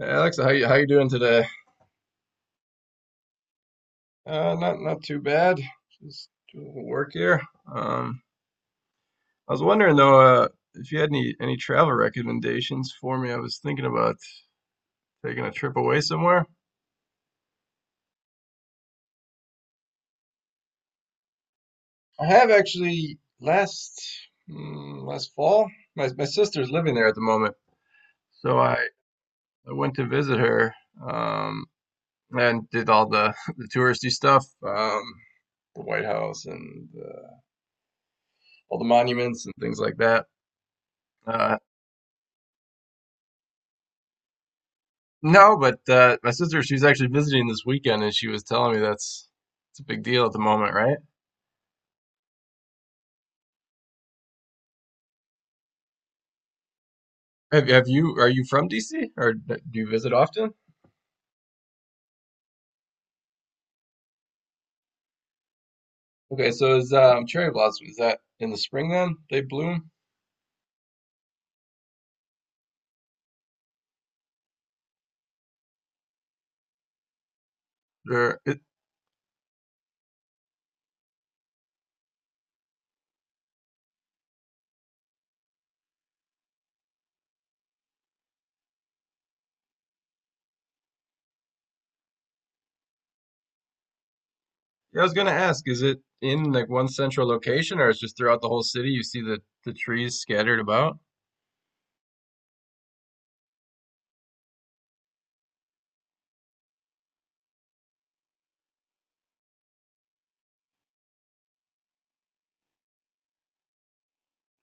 Alexa, how you doing today? Not too bad. Just doing a little work here. Um, I was wondering though, if you had any travel recommendations for me. I was thinking about taking a trip away somewhere. I have actually last last fall. My sister's living there at the moment, so I went to visit her. Um, and did all the the touristy stuff. The White House and all the monuments and things like that. Uh, No, but my sister, she's actually visiting this weekend, and she was telling me that's it's a big deal at the moment, right? Have you are you from DC, or do you visit often? Okay, so is cherry blossom, is that in the spring then they bloom? Or it, I was gonna ask, is it in like one central location, or it's just throughout the whole city? You see the trees scattered about?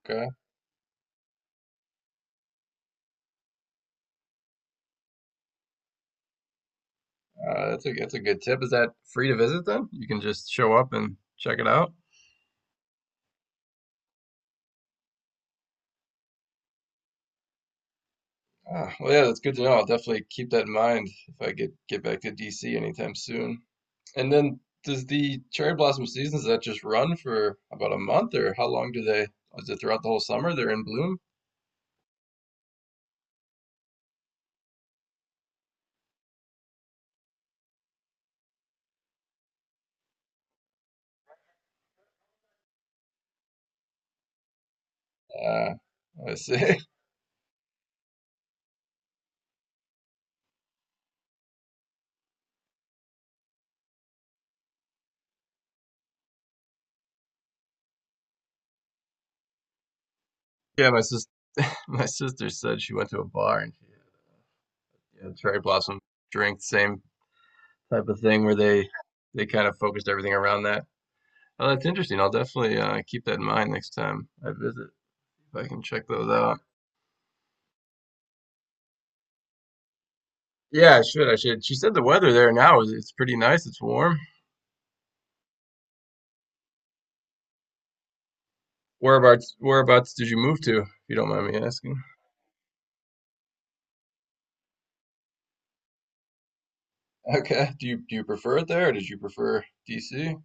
Okay, that's a good tip. Is that free to visit then? You can just show up and check it out. Ah, well, yeah, that's good to know. I'll definitely keep that in mind if I get back to DC anytime soon. And then, does the cherry blossom season, does that just run for about a month, or how long do they? Is it throughout the whole summer they're in bloom? Uh, I see. Yeah, my sister, my sister said she went to a bar and she had a cherry blossom drink, same type of thing where they kind of focused everything around that. Oh, that's interesting. I'll definitely keep that in mind next time I visit if I can check those out. Yeah, I should. I should. She said the weather there now is it's pretty nice. It's warm. Whereabouts did you move to, if you don't mind me asking? Okay. Do you prefer it there, or did you prefer DC?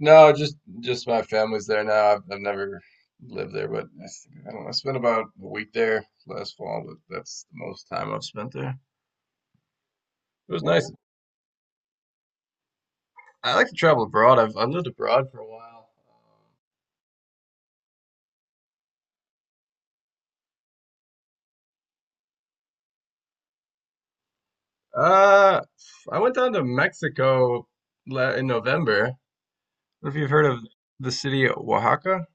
No, just my family's there now. I've never lived there, but I, think- I don't know. I spent about a week there last fall, but that's the most time I've spent there. It was nice. I like to travel abroad. I lived abroad for a while. Uh, I went down to Mexico in November. If you've heard of the city of Oaxaca,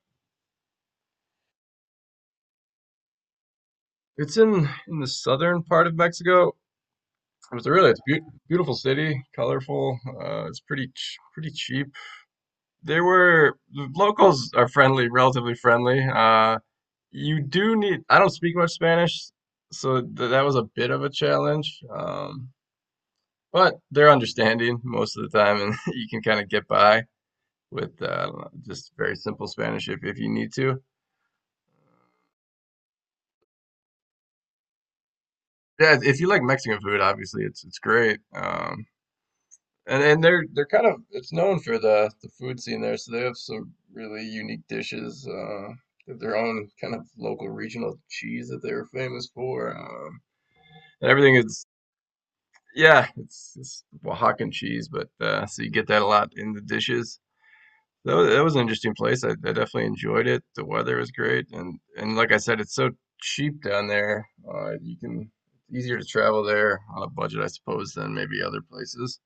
it's in the southern part of Mexico. It's a really it's a beautiful city, colorful. It's pretty cheap. The locals are friendly, relatively friendly. You do need I don't speak much Spanish, so th that was a bit of a challenge. But they're understanding most of the time, and you can kind of get by with I don't know, just very simple Spanish if you need to. Yeah, if you like Mexican food, obviously it's great. And they're kind of, it's known for the food scene there, so they have some really unique dishes. With their own kind of local regional cheese that they were famous for. And everything is yeah, it's Oaxacan cheese, but so you get that a lot in the dishes. That was an interesting place. I definitely enjoyed it. The weather was great, and like I said, it's so cheap down there. You can, it's easier to travel there on a budget, I suppose, than maybe other places.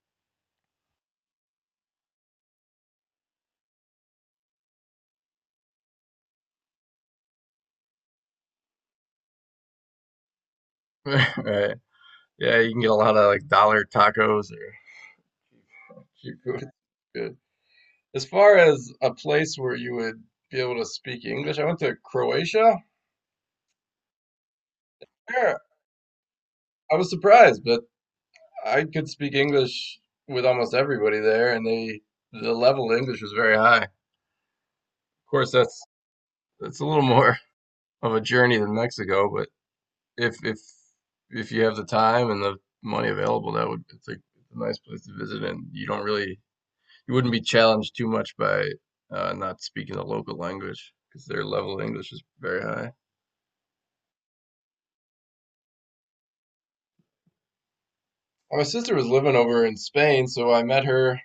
Right. Yeah, you can get a lot of like dollar tacos or cheap food. Good. As far as a place where you would be able to speak English, I went to Croatia. Yeah, I was surprised, but I could speak English with almost everybody there, and the level of English was very high. Of course, that's a little more of a journey than Mexico, but if if you have the time and the money available, that would it's like a nice place to visit, and you don't really, you wouldn't be challenged too much by not speaking the local language because their level of English is very high. My sister was living over in Spain, so I met her,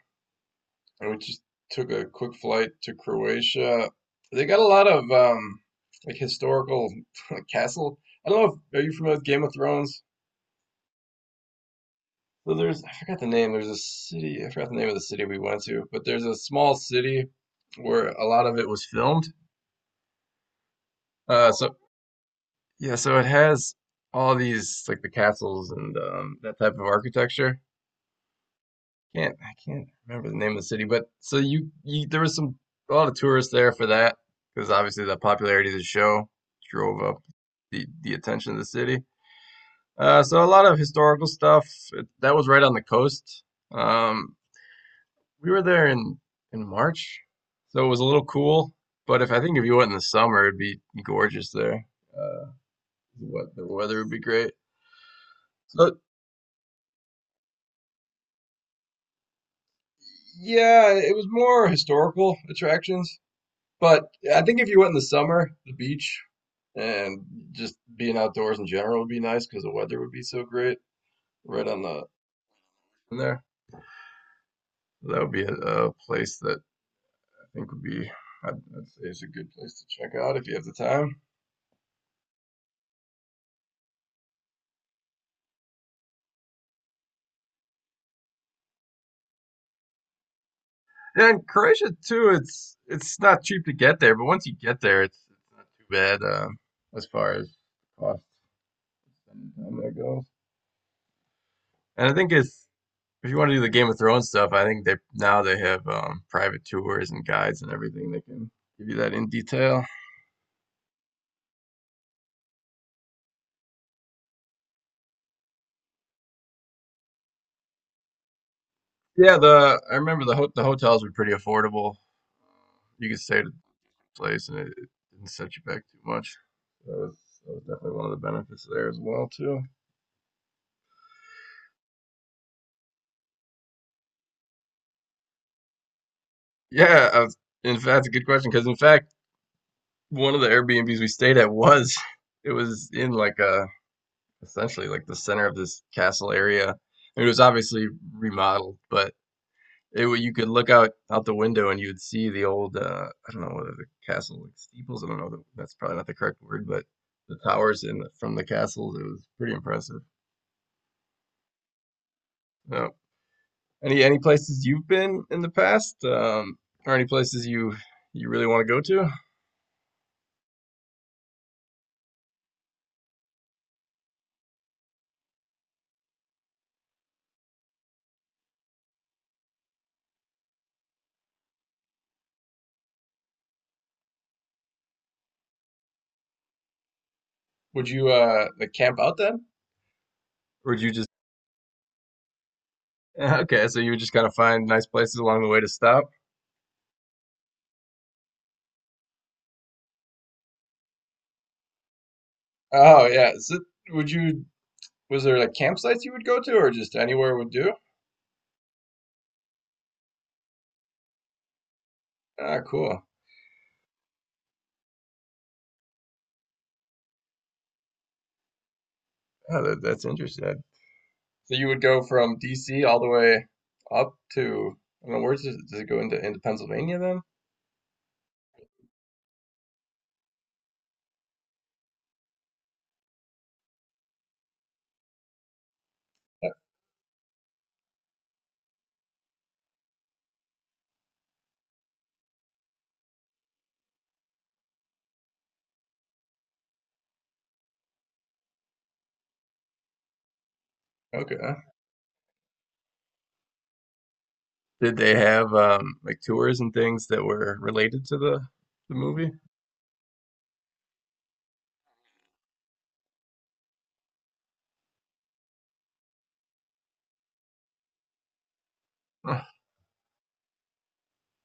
and we just took a quick flight to Croatia. They got a lot of like historical castle. I don't know if, are you familiar with Game of Thrones? So there's, I forgot the name. There's a city. I forgot the name of the city we went to, but there's a small city where a lot of it was filmed. So yeah, so it has all these like the castles and that type of architecture. Can't I can't remember the name of the city, but so you, there was some, a lot of tourists there for that because obviously the popularity of the show drove up the attention of the city. So a lot of historical stuff that was right on the coast. Um, we were there in March, so it was a little cool. But if, I think if you went in the summer, it'd be gorgeous there. Uh, what the weather would be great. So yeah, it was more historical attractions, but I think if you went in the summer, the beach and just being outdoors in general would be nice because the weather would be so great right on the in there. That would be a place that I think would be, I'd say is a good place to check out if you have the time. Yeah, and Croatia too. It's not cheap to get there, but once you get there, it's not too bad as far as cost and time that goes. And I think it's, if you want to do the Game of Thrones stuff, I think they now, they have private tours and guides and everything that can give you that in detail. Yeah, the I remember the ho the hotels were pretty affordable. You could stay at a place and it didn't set you back too much. That was, that was definitely one of the benefits there as well too. Yeah, I've, in fact, that's a good question because in fact, one of the Airbnbs we stayed at was, it was in like a, essentially like the center of this castle area. It was obviously remodeled, but it, you could look out the window and you would see the old I don't know whether the castle like steeples, I don't know that's probably not the correct word, but the towers in from the castles, it was pretty impressive. Yeah. Any places you've been in the past, or any places you you really want to go to? Would you like camp out then? Or would you just yeah, okay, so you would just kind of find nice places along the way to stop. Oh yeah. Would you, was there like campsites you would go to, or just anywhere would do? Ah, cool. Yeah, that's interesting. So you would go from DC all the way up to, I don't know, where does does it go into Pennsylvania then? Yeah, okay. Did they have like tours and things that were related to the movie? Huh.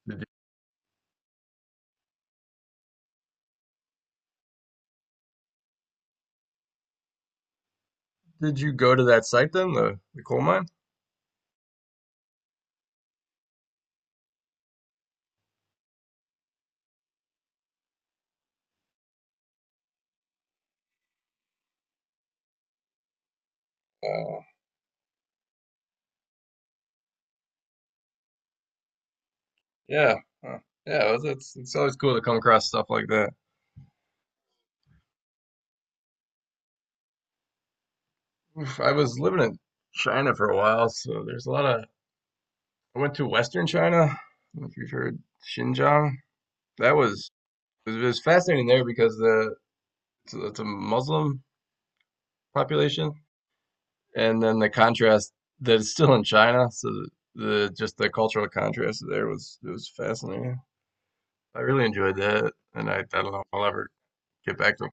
Did you, did you go to that site then, the coal mine? Uh, yeah. Huh. Yeah, well, it's always cool to come across stuff like that. Oof, I was living in China for a while, so there's a lot of. I went to Western China. I don't know if you've heard Xinjiang. That was, it was fascinating there because the it's it's a Muslim population, and then the contrast that it's still in China. So the just the cultural contrast there was it was fascinating. I really enjoyed that, and I don't know if I'll ever get back to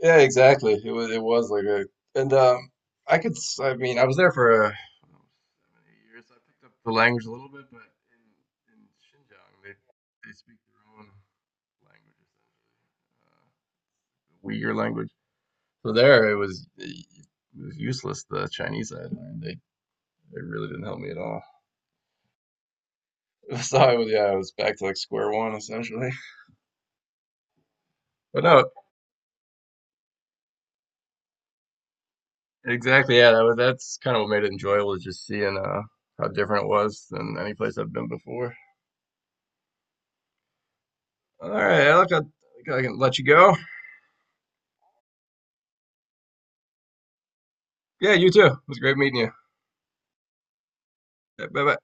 yeah, exactly. It was, it was like a, and I could I mean, I was there for 7 8 years. I picked up the language a little bit, but in in Xinjiang they speak their own language essentially, Uyghur language. So there it was useless. The Chinese I had learned they really didn't help me at all. So I was, yeah, I was back to like square one essentially. But no, exactly. Yeah, that was, that's kind of what made it enjoyable is just seeing how different it was than any place I've been before. All right, Alec, I think I can let you go. Yeah, you too. It was great meeting you. Bye bye.